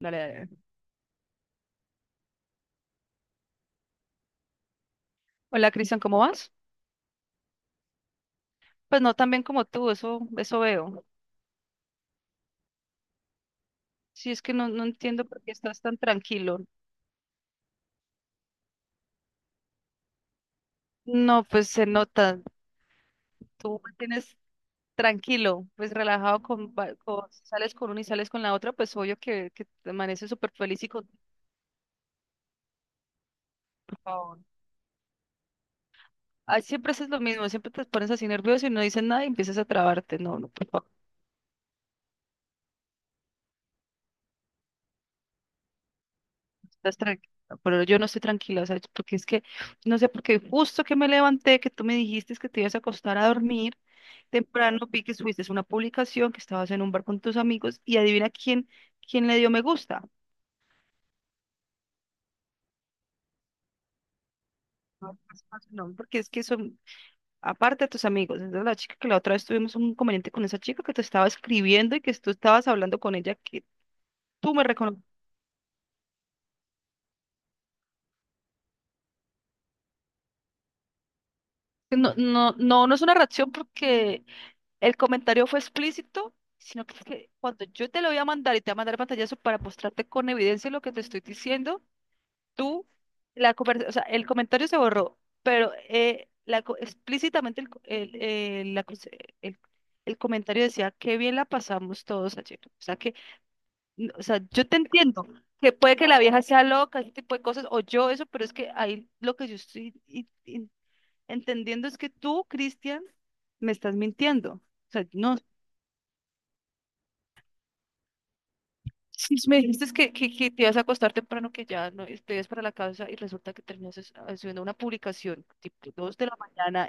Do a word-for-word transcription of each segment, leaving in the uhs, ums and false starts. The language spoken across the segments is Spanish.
Dale, dale. Hola, Cristian, ¿cómo vas? Pues no tan bien como tú, eso, eso veo. Sí, es que no, no entiendo por qué estás tan tranquilo. No, pues se nota. Tú mantienes tranquilo, pues relajado con, va- con- si sales con una y sales con la otra, pues obvio que, que te amaneces súper feliz y con. Por favor. Ay, siempre haces lo mismo, siempre te pones así nervioso y no dices nada y empiezas a trabarte. No, no, por favor, no estás tranquila. Pero yo no estoy tranquila, o sea, porque es que, no sé, porque justo que me levanté, que tú me dijiste que te ibas a acostar a dormir. Temprano vi que subiste una publicación que estabas en un bar con tus amigos y adivina quién, quién le dio me gusta. No, pues, pues, no, porque es que son, aparte de tus amigos, es de la chica que la otra vez tuvimos un inconveniente con esa chica que te estaba escribiendo y que tú estabas hablando con ella, que tú me reconoces. No, no, no, no es una reacción porque el comentario fue explícito, sino que, es que cuando yo te lo voy a mandar y te voy a mandar el pantallazo para mostrarte con evidencia lo que te estoy diciendo, tú, la conversa- o sea, el comentario se borró, pero eh, la, co- explícitamente el, co- el, eh, la cons- el- el comentario decía, qué bien la pasamos todos ayer. O sea, que, n- o sea, yo te entiendo que puede que la vieja sea loca, ese tipo de cosas, o yo eso, pero es que ahí lo que yo estoy i- i- entendiendo es que tú, Cristian, me estás mintiendo. O sea, no, si me dijiste que, que, que te ibas a acostar temprano, que ya no te ibas para la casa y resulta que terminas es- haciendo una publicación tipo dos de la mañana.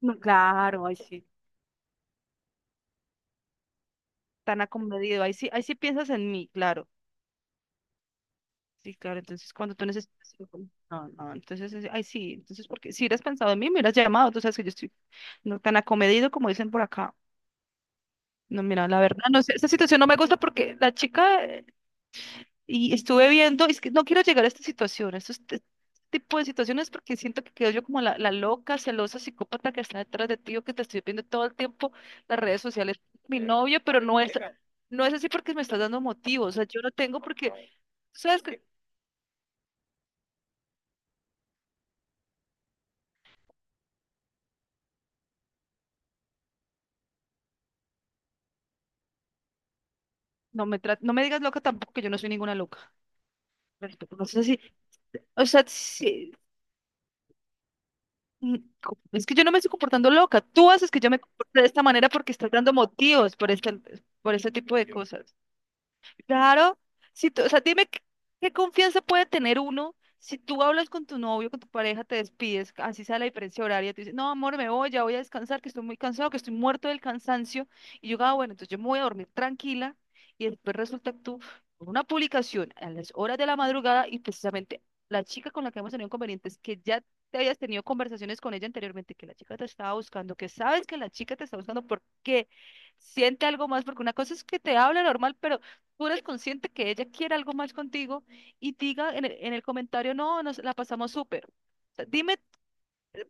No, claro, ahí sí, tan acomedido, ahí sí, ahí sí piensas en mí, claro, sí, claro, entonces cuando tú necesitas, no, no, entonces, es- ahí sí, entonces, porque si hubieras pensado en mí, me hubieras llamado, tú sabes que yo estoy no tan acomedido como dicen por acá, no, mira, la verdad, no sé, esta situación no me gusta porque la chica eh, y estuve viendo, es que no quiero llegar a esta situación, a estos t- tipo de situaciones porque siento que quedo yo como la, la loca, celosa, psicópata que está detrás de ti o que te estoy viendo todo el tiempo las redes sociales, mi novio, pero no es, no es así porque me estás dando motivos, o sea, yo no tengo porque, sabes que, no me tra- no me digas loca tampoco, que yo no soy ninguna loca, respeto, no sé si, o sea, sí, mm, co- es que yo no me estoy comportando loca, tú haces que yo me comporte de esta manera porque estás dando motivos por este, por este tipo de cosas. Claro, si tú, o sea, dime qué, qué confianza puede tener uno si tú hablas con tu novio, con tu pareja, te despides, así sea la diferencia horaria, tú dices, no, amor, me voy, ya voy a descansar, que estoy muy cansado, que estoy muerto del cansancio, y yo, ah, bueno, entonces yo me voy a dormir tranquila, y después resulta que tú, con una publicación a las horas de la madrugada, y precisamente la chica con la que hemos tenido inconvenientes, que ya te habías tenido conversaciones con ella anteriormente, que la chica te estaba buscando, que sabes que la chica te está buscando porque siente algo más, porque una cosa es que te habla normal, pero tú eres consciente que ella quiere algo más contigo y diga en el, en el comentario, no, nos la pasamos súper. O sea, dime,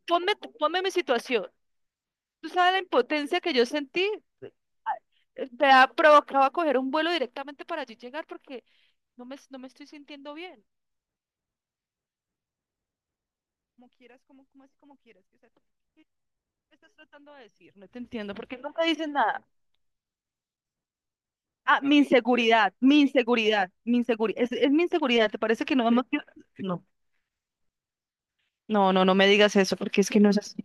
ponme, ponme mi situación. Tú sabes la impotencia que yo sentí, eh, te ha provocado a coger un vuelo directamente para allí llegar porque no me, no me estoy sintiendo bien. Como quieras, como, como así como quieras. O sea, ¿qué estás tratando de decir? No te entiendo, porque no te dicen nada. Ah, mi inseguridad, mi inseguridad, mi inseguridad. Es, es mi inseguridad, ¿te parece que no hemos? No. No, no, no me digas eso, porque es que no es así.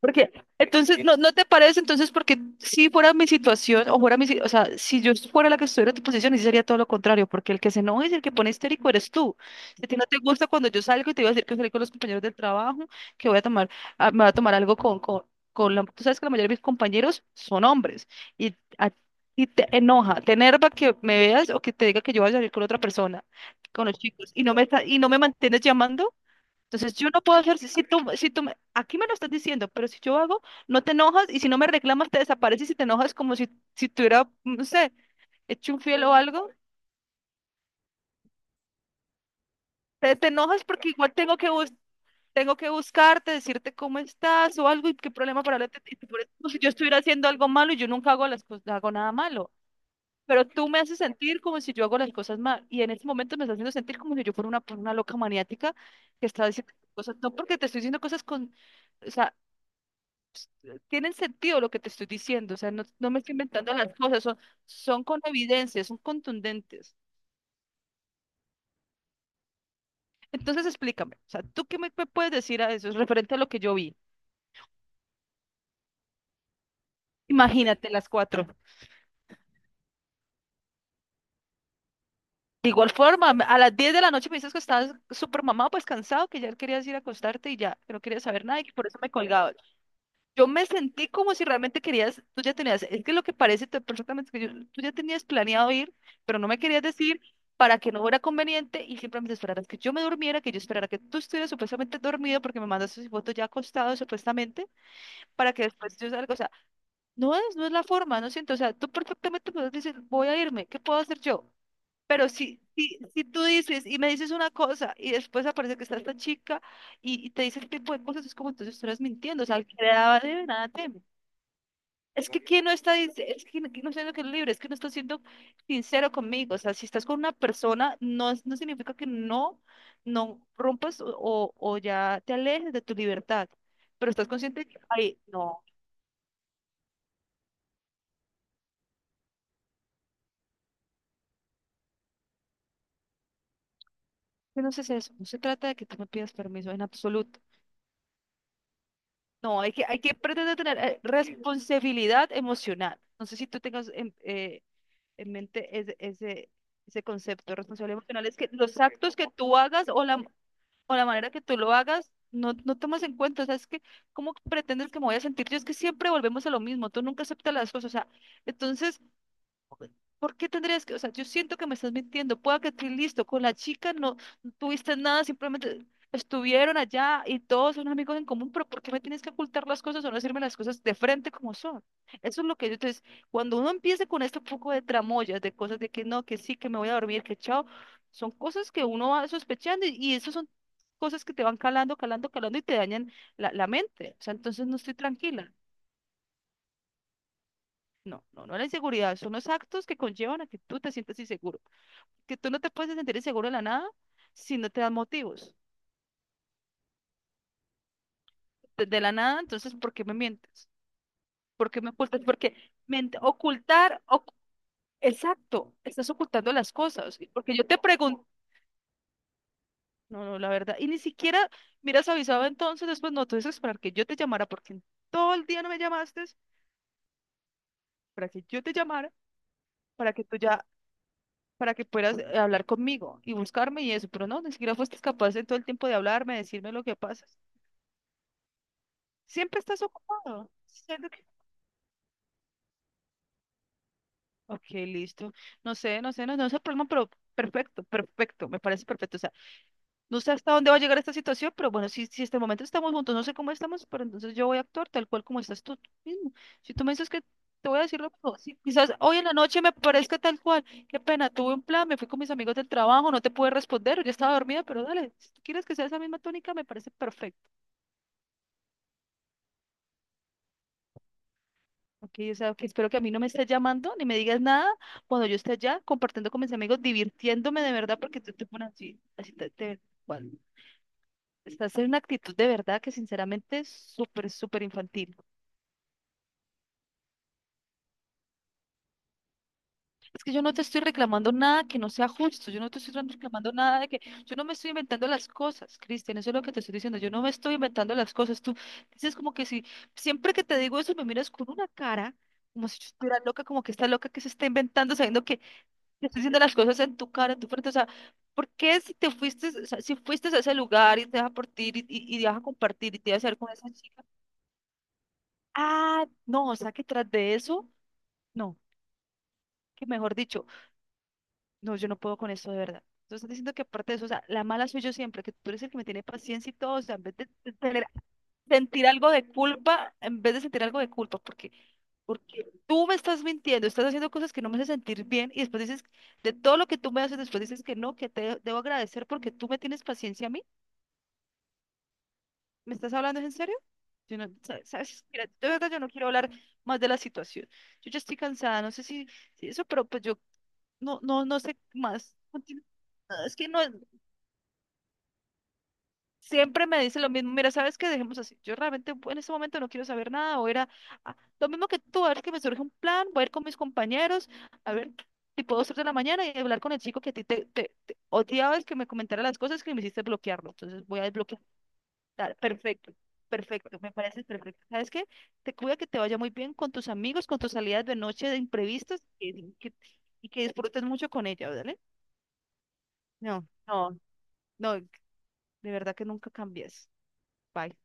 Porque, entonces, ¿no, no te parece? Entonces, porque si fuera mi situación, o fuera mi, si- o sea, si yo fuera la que estuviera en tu posición, sí sería todo lo contrario, porque el que se enoja y el que pone histérico eres tú. Si a ti no te gusta cuando yo salgo y te voy a decir que salí con los compañeros del trabajo, que voy a tomar, ah, me voy a tomar algo con, con, con la, tú sabes que la mayoría de mis compañeros son hombres, y a ti te enoja, te enerva que me veas o que te diga que yo voy a salir con otra persona, con los chicos, y no me, está- y no me mantienes llamando. Entonces, yo no puedo hacer, si si tú, si tú, me- aquí me lo estás diciendo, pero si yo hago, no te enojas y si no me reclamas, te desapareces y te enojas como si, si tuviera, no sé, hecho un fiel o algo. Te, te enojas porque igual tengo que, bus- tengo que buscarte, decirte cómo estás o algo y qué problema para hablarte. Y tú por eso, como si yo estuviera haciendo algo malo y yo nunca hago las cosas, hago nada malo. Pero tú me haces sentir como si yo hago las cosas mal. Y en este momento me estás haciendo sentir como si yo fuera una, una loca maniática que está diciendo cosas, no porque te estoy diciendo cosas con. O sea, tienen sentido lo que te estoy diciendo, o sea, no, no me estoy inventando las cosas, son, son con evidencia, son contundentes. Entonces explícame, o sea, ¿tú qué me, me puedes decir a eso referente a lo que yo vi? Imagínate las cuatro. De igual forma, me- a las diez de la noche me dices que estabas súper mamado, pues cansado, que ya querías ir a acostarte y ya, que no querías saber nada y que por eso me colgaba. Yo me sentí como si realmente querías, tú ya tenías, es que lo que parece te- perfectamente que yo- tú ya tenías planeado ir, pero no me querías decir para que no fuera conveniente y simplemente esperaras que yo me durmiera, que yo esperara que tú estuvieras supuestamente dormido porque me mandaste esa fotos ya acostado supuestamente para que después yo salga, o sea, no es, no es la forma, no siento, o sea, tú perfectamente puedes decir, voy a irme, ¿qué puedo hacer yo? Pero si, si, si tú dices y me dices una cosa y después aparece que está esta chica y, y te dice ese tipo de cosas, es como entonces tú estás mintiendo, o sea, al que le daba de nada temes. Es que quién no está, dic- es que quién no está siendo que es libre, es que no está siendo sincero conmigo. O sea, si estás con una persona, no, es- no significa que no, no rompas o, o- o ya te alejes de tu libertad. Pero estás consciente que, ay, no, que no se hace eso. No se trata de que tú me pidas permiso en absoluto. No, hay que, hay que pretender tener eh, responsabilidad emocional. No sé si tú tengas en, eh, en mente ese, ese, ese concepto. Responsabilidad emocional es que los actos que tú hagas o la, o la manera que tú lo hagas, no, no tomas en cuenta. O sea, es que, ¿cómo pretendes que me voy a sentir? Yo es que siempre volvemos a lo mismo. Tú nunca aceptas las cosas. O sea, entonces, ¿por qué tendrías que, o sea, yo siento que me estás mintiendo, pueda que estés listo, con la chica no, no tuviste nada, simplemente estuvieron allá y todos son amigos en común, pero ¿por qué me tienes que ocultar las cosas o no decirme las cosas de frente como son? Eso es lo que yo, entonces, cuando uno empieza con este poco de tramoyas, de cosas de que no, que sí, que me voy a dormir, que chao, son cosas que uno va sospechando y, y eso son cosas que te van calando, calando, calando y te dañan la, la mente, o sea, entonces no estoy tranquila. No, no, no la inseguridad, son los actos que conllevan a que tú te sientas inseguro que tú no te puedes sentir inseguro de la nada si no te das motivos. De, de la nada, entonces, ¿por qué me mientes? ¿Por qué me ocultas? Porque ment- ocultar, oc- exacto, estás ocultando las cosas. Porque yo te pregunto, no, no, la verdad, y ni siquiera miras avisado entonces, después no, tú dices esperar que yo te llamara, porque en todo el día no me llamaste, para que yo te llamara, para que tú ya, para que puedas eh, hablar conmigo y buscarme y eso, pero no, ni siquiera fuiste capaz en todo el tiempo de hablarme, decirme lo que pasa. Siempre estás ocupado. Ok, listo. No sé, no sé, no, no es el problema, pero perfecto, perfecto, me parece perfecto. O sea, no sé hasta dónde va a llegar esta situación, pero bueno, si, si hasta el momento estamos juntos, no sé cómo estamos, pero entonces yo voy a actuar tal cual como estás tú mismo. Si tú me dices que te voy a decir lo mismo, sí, quizás hoy en la noche me parezca tal cual. Qué pena, tuve un plan, me fui con mis amigos del trabajo, no te pude responder, yo estaba dormida, pero dale, si tú quieres que sea esa misma tónica, me parece perfecto. Ok, o sea, que espero que a mí no me estés llamando ni me digas nada cuando yo esté allá compartiendo con mis amigos, divirtiéndome de verdad, porque tú te pones así, así te, te- bueno, estás en una actitud de verdad que sinceramente es súper, súper infantil. Es que yo no te estoy reclamando nada que no sea justo, yo no te estoy reclamando nada de que, yo no me estoy inventando las cosas, Cristian, eso es lo que te estoy diciendo, yo no me estoy inventando las cosas, tú dices como que si, siempre que te digo eso me miras con una cara. Como si yo estuviera loca, como que está loca que se está inventando, sabiendo que te estoy diciendo las cosas en tu cara, en tu frente, o sea, ¿por qué si te fuiste, o sea, si fuiste a ese lugar y te vas a partir y, y, y te vas a compartir y te vas a hacer con esa chica? Ah, no, o sea, que tras de eso, no, que mejor dicho, no, yo no puedo con esto de verdad. Entonces, estás diciendo que aparte de eso, o sea, la mala soy yo siempre, que tú eres el que me tiene paciencia y todo, o sea, en vez de de tener sentir algo de culpa en vez de sentir algo de culpa, porque, porque tú me estás mintiendo, estás haciendo cosas que no me hacen sentir bien y después dices, de todo lo que tú me haces, después dices que no, que te debo agradecer porque tú me tienes paciencia a mí. ¿Me estás hablando en serio? Yo no, sa- sabes, mira, de verdad yo no quiero hablar más de la situación. Yo ya estoy cansada, no sé si, si eso, pero pues yo no, no, no sé más. Continúa. No, es que no, siempre me dice lo mismo, mira, ¿sabes qué? Dejemos así. Yo realmente en este momento no quiero saber nada, o era ah, lo mismo que tú, a ver que me surge un plan, voy a ir con mis compañeros, a ver, tipo dos, tres de la mañana y hablar con el chico que a ti te, te, te odiaba el que me comentara las cosas que me hiciste bloquearlo. Entonces voy a desbloquear. Dale, perfecto. Perfecto, me parece perfecto. ¿Sabes qué? Te cuida que te vaya muy bien con tus amigos, con tus salidas de noche de imprevistas y que, y que, disfrutes mucho con ella, ¿vale? No, no, no, de verdad que nunca cambies. Bye.